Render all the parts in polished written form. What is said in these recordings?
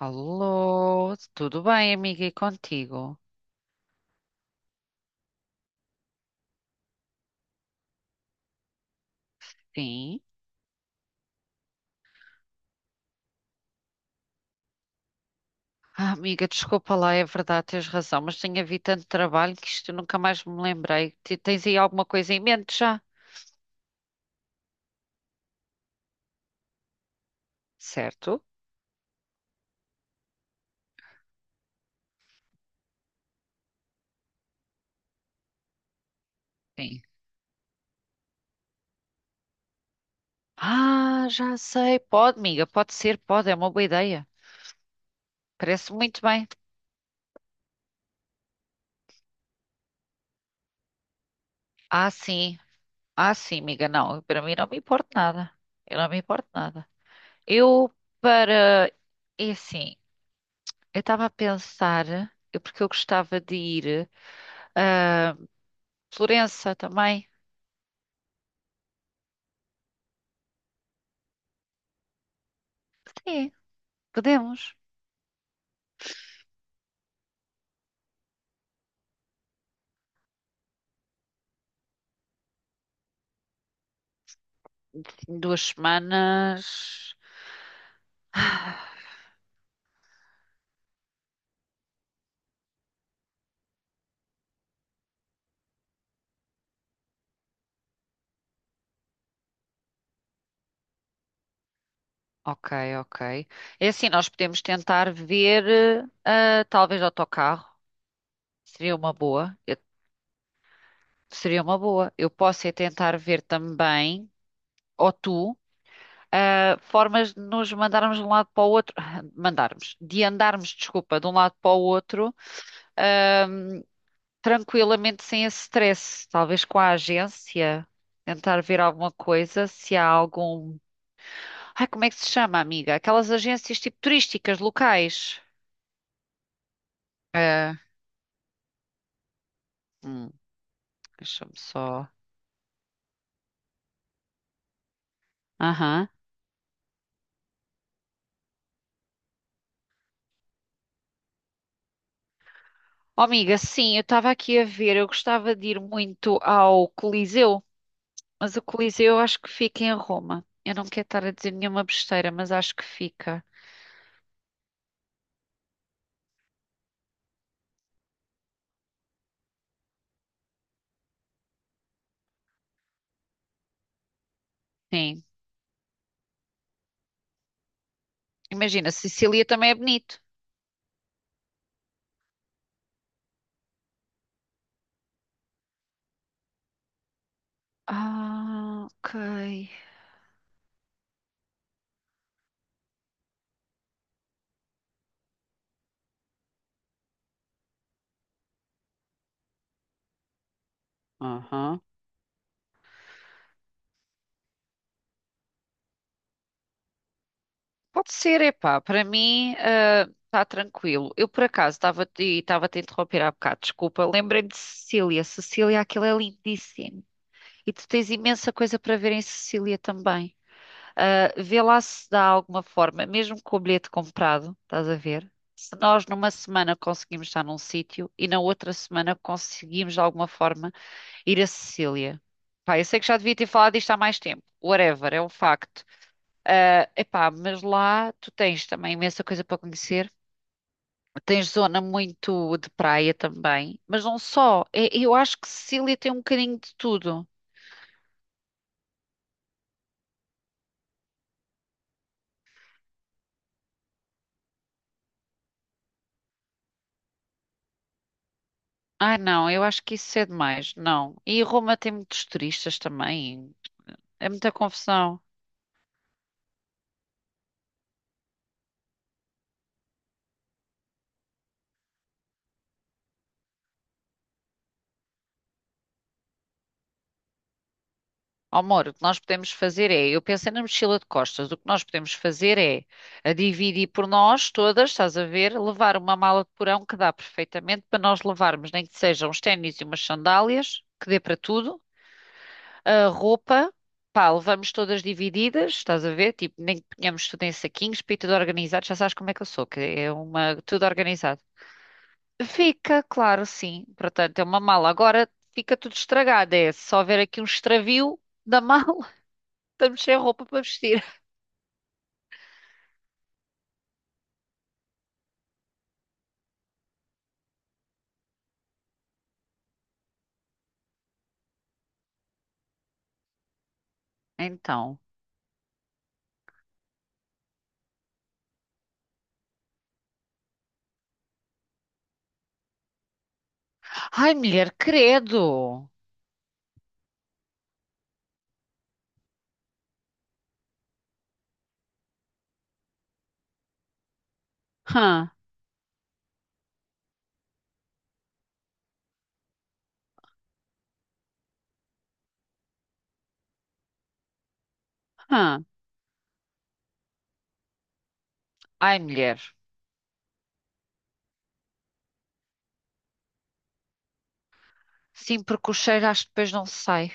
Alô, tudo bem, amiga, e contigo? Sim. Ah, amiga, desculpa lá, é verdade, tens razão, mas tenho havido tanto trabalho que isto eu nunca mais me lembrei. Tens aí alguma coisa em mente já? Certo? Sim. Ah, já sei, pode, amiga, pode ser, pode, é uma boa ideia. Parece muito bem. Ah, sim, ah, sim, amiga, não, para mim não me importa nada. Eu não me importo nada. Eu, para. É assim, eu estava a pensar, porque eu gostava de ir. Ah, Florença também. Sim, podemos. Em duas semanas. Ah, ok, ok. É assim, nós podemos tentar ver, ah, talvez autocarro. Seria uma boa. Seria uma boa. Eu posso é tentar ver também, ou tu, ah, formas de nos mandarmos de um lado para o outro. Mandarmos. De andarmos, desculpa, de um lado para o outro. Ah, tranquilamente sem esse stress, talvez com a agência, tentar ver alguma coisa, se há algum. Ai, como é que se chama, amiga? Aquelas agências tipo turísticas locais. É. Hum, Deixa-me só. Aham. Oh, amiga, sim, eu estava aqui a ver, eu gostava de ir muito ao Coliseu, mas o Coliseu eu acho que fica em Roma. Eu não quero estar a dizer nenhuma besteira, mas acho que fica. Sim. Imagina, Sicília também é bonito. Ah, ok. Aham. Pode ser, epá, para mim está tranquilo. Eu por acaso estava e estava a te interromper há bocado, desculpa. Lembrei-me de Sicília. Sicília, aquilo é lindíssimo. E tu tens imensa coisa para ver em Sicília também. Ah, vê lá se dá alguma forma, mesmo com o bilhete comprado, estás a ver? Se nós numa semana conseguimos estar num sítio e na outra semana conseguimos de alguma forma ir a Sicília. Pá, eu sei que já devia ter falado disto há mais tempo. Whatever, é um facto. Ah, epá, mas lá tu tens também imensa coisa para conhecer. Tens zona muito de praia também, mas não só. Eu acho que Sicília tem um bocadinho de tudo. Ah, não, eu acho que isso é demais. Não. E Roma tem muitos turistas também. É muita confusão. Amor, o que nós podemos fazer é, eu pensei na mochila de costas, o que nós podemos fazer é a dividir por nós todas, estás a ver, levar uma mala de porão que dá perfeitamente para nós levarmos, nem que sejam uns ténis e umas sandálias, que dê para tudo. A roupa, pá, levamos todas divididas, estás a ver? Tipo, nem que ponhamos tudo em saquinhos, para ir tudo organizado, já sabes como é que eu sou, que é uma, tudo organizado. Fica, claro, sim. Portanto, é uma mala. Agora fica tudo estragado, é só ver aqui um extravio da mala, estamos sem roupa para vestir. Então, ai, mulher, credo! Hã, hã. Ai, mulher, sim, porque o cheiro acho que depois não sai.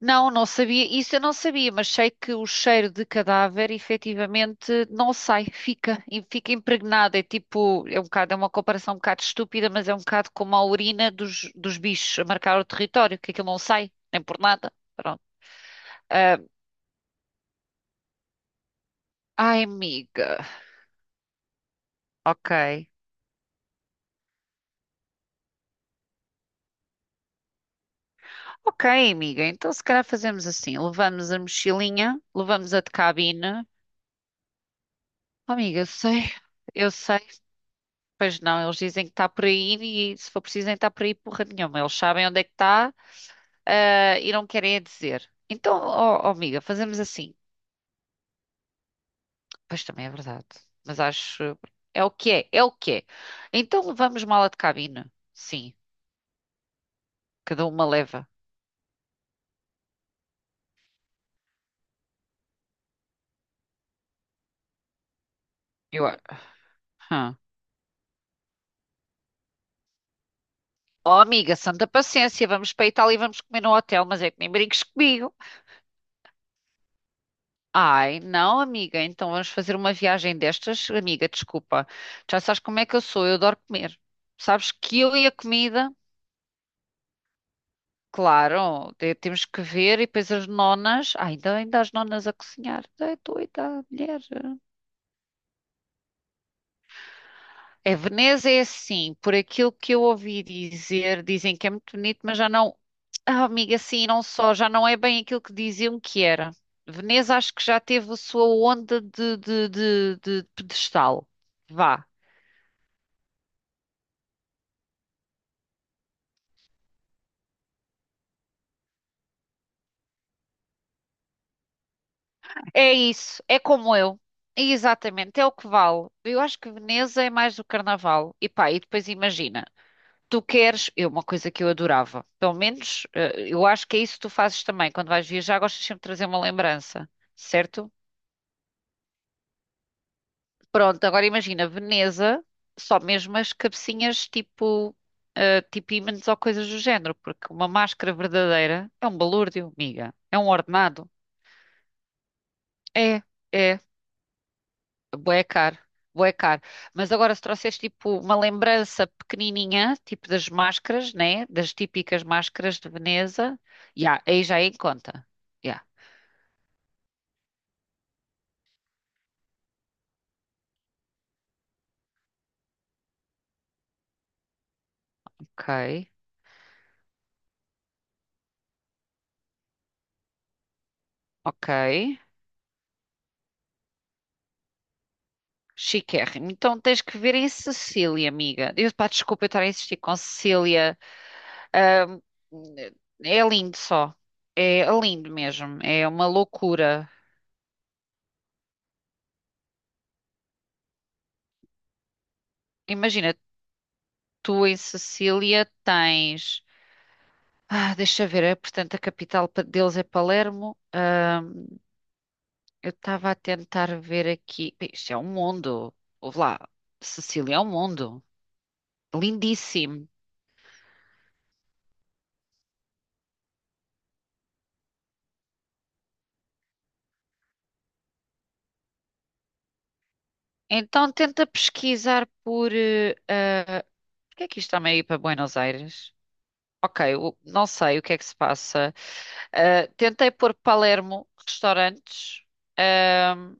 Não, não sabia, isso eu não sabia, mas sei que o cheiro de cadáver efetivamente não sai, fica, e fica impregnado. É tipo, é um bocado, é uma comparação um bocado estúpida, mas é um bocado como a urina dos bichos a marcar o território, que aquilo não sai, nem por nada. Pronto. Ah, ai, amiga. Ok. Ok, amiga, então se calhar fazemos assim: levamos a mochilinha, levamos a de cabine. Oh, amiga, eu sei, eu sei. Pois não, eles dizem que está por aí e se for preciso nem está por aí porra nenhuma. Eles sabem onde é que está, ah, e não querem é dizer. Então, ó ó, amiga, fazemos assim. Pois também é verdade. Mas acho. É o que é, é o que é. Então levamos mala de cabine. Sim, cada uma leva. Eu... a- Hã. Oh, amiga, santa paciência, vamos para a Itália e vamos comer no hotel, mas é que nem brinques comigo. Ai, não, amiga, então vamos fazer uma viagem destas? Amiga, desculpa, já sabes como é que eu sou, eu adoro comer. Sabes que eu e a comida, claro, temos que ver e depois as nonas, ai, ainda, ainda as nonas a cozinhar, é doida, mulher. É, Veneza é assim, por aquilo que eu ouvi dizer, dizem que é muito bonito, mas já não, ah, amiga, sim, não só, já não é bem aquilo que diziam que era. Veneza acho que já teve a sua onda de pedestal. Vá. É isso, é como eu. Exatamente, é o que vale. Eu acho que Veneza é mais o carnaval. E pá, e depois imagina, tu queres, é uma coisa que eu adorava, pelo menos eh, eu acho que é isso que tu fazes também, quando vais viajar, gostas sempre de trazer uma lembrança, certo? Pronto, agora imagina, Veneza, só mesmo as cabecinhas tipo, eh, tipo ímãs ou coisas do género, porque uma máscara verdadeira é um balúrdio, amiga, é um ordenado. É, é. Bué caro, bué caro. Mas agora se trouxeres tipo uma lembrança pequenininha, tipo das máscaras, né? Das típicas máscaras de Veneza, já, aí já é em conta. Já, ok, ok. Chiquérrimo. Então tens que ver em Sicília, amiga. Eu, pá, desculpa eu estar a insistir com Sicília. Ahm, É lindo só. É lindo mesmo. É uma loucura. Imagina, tu em Sicília tens. Ah, deixa ver, é, portanto, a capital deles é Palermo. Eu estava a tentar ver aqui. Bem, isto é um mundo. Ouve lá, Sicília é um mundo. Lindíssimo. Então tenta pesquisar por. Eh, ah, por que é que isto está ir para Buenos Aires? Ok, não sei o que é que se passa. Ah, tentei pôr Palermo, restaurantes, ahm,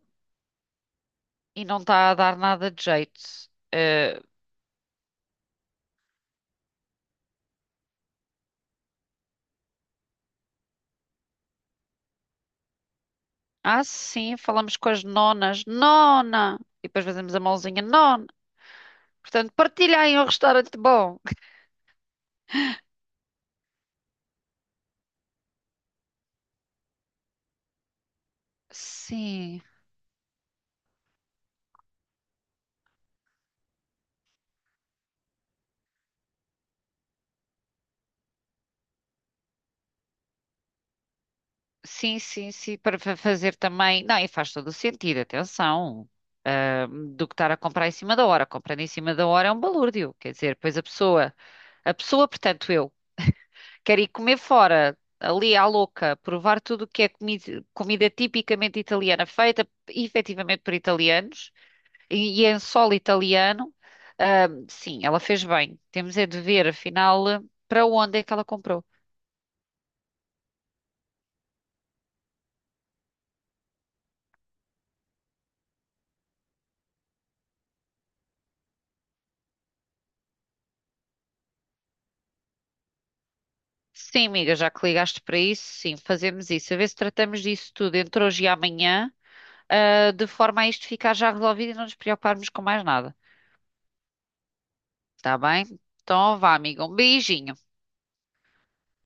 e não está a dar nada de jeito. Ah, ah, sim, falamos com as nonas. Nona! E depois fazemos a mãozinha. Nona! Portanto, partilhem um restaurante bom. Sim, sim, sim, sim, para fazer também. Não, e faz todo o sentido, atenção. Ah, do que estar a comprar em cima da hora. Comprando em cima da hora é um balúrdio. Quer dizer, pois a pessoa, portanto, eu, quer ir comer fora, ali à louca, provar tudo o que é comida, comida tipicamente italiana, feita efetivamente por italianos. E em solo italiano, ah, sim, ela fez bem. Temos é de ver, afinal, eh, para onde é que ela comprou. Sim, amiga, já que ligaste para isso, sim, fazemos isso. A ver se tratamos disso tudo entre hoje e amanhã, ah, de forma a isto ficar já resolvido e não nos preocuparmos com mais nada. Está bem? Então, vá, amiga, um beijinho.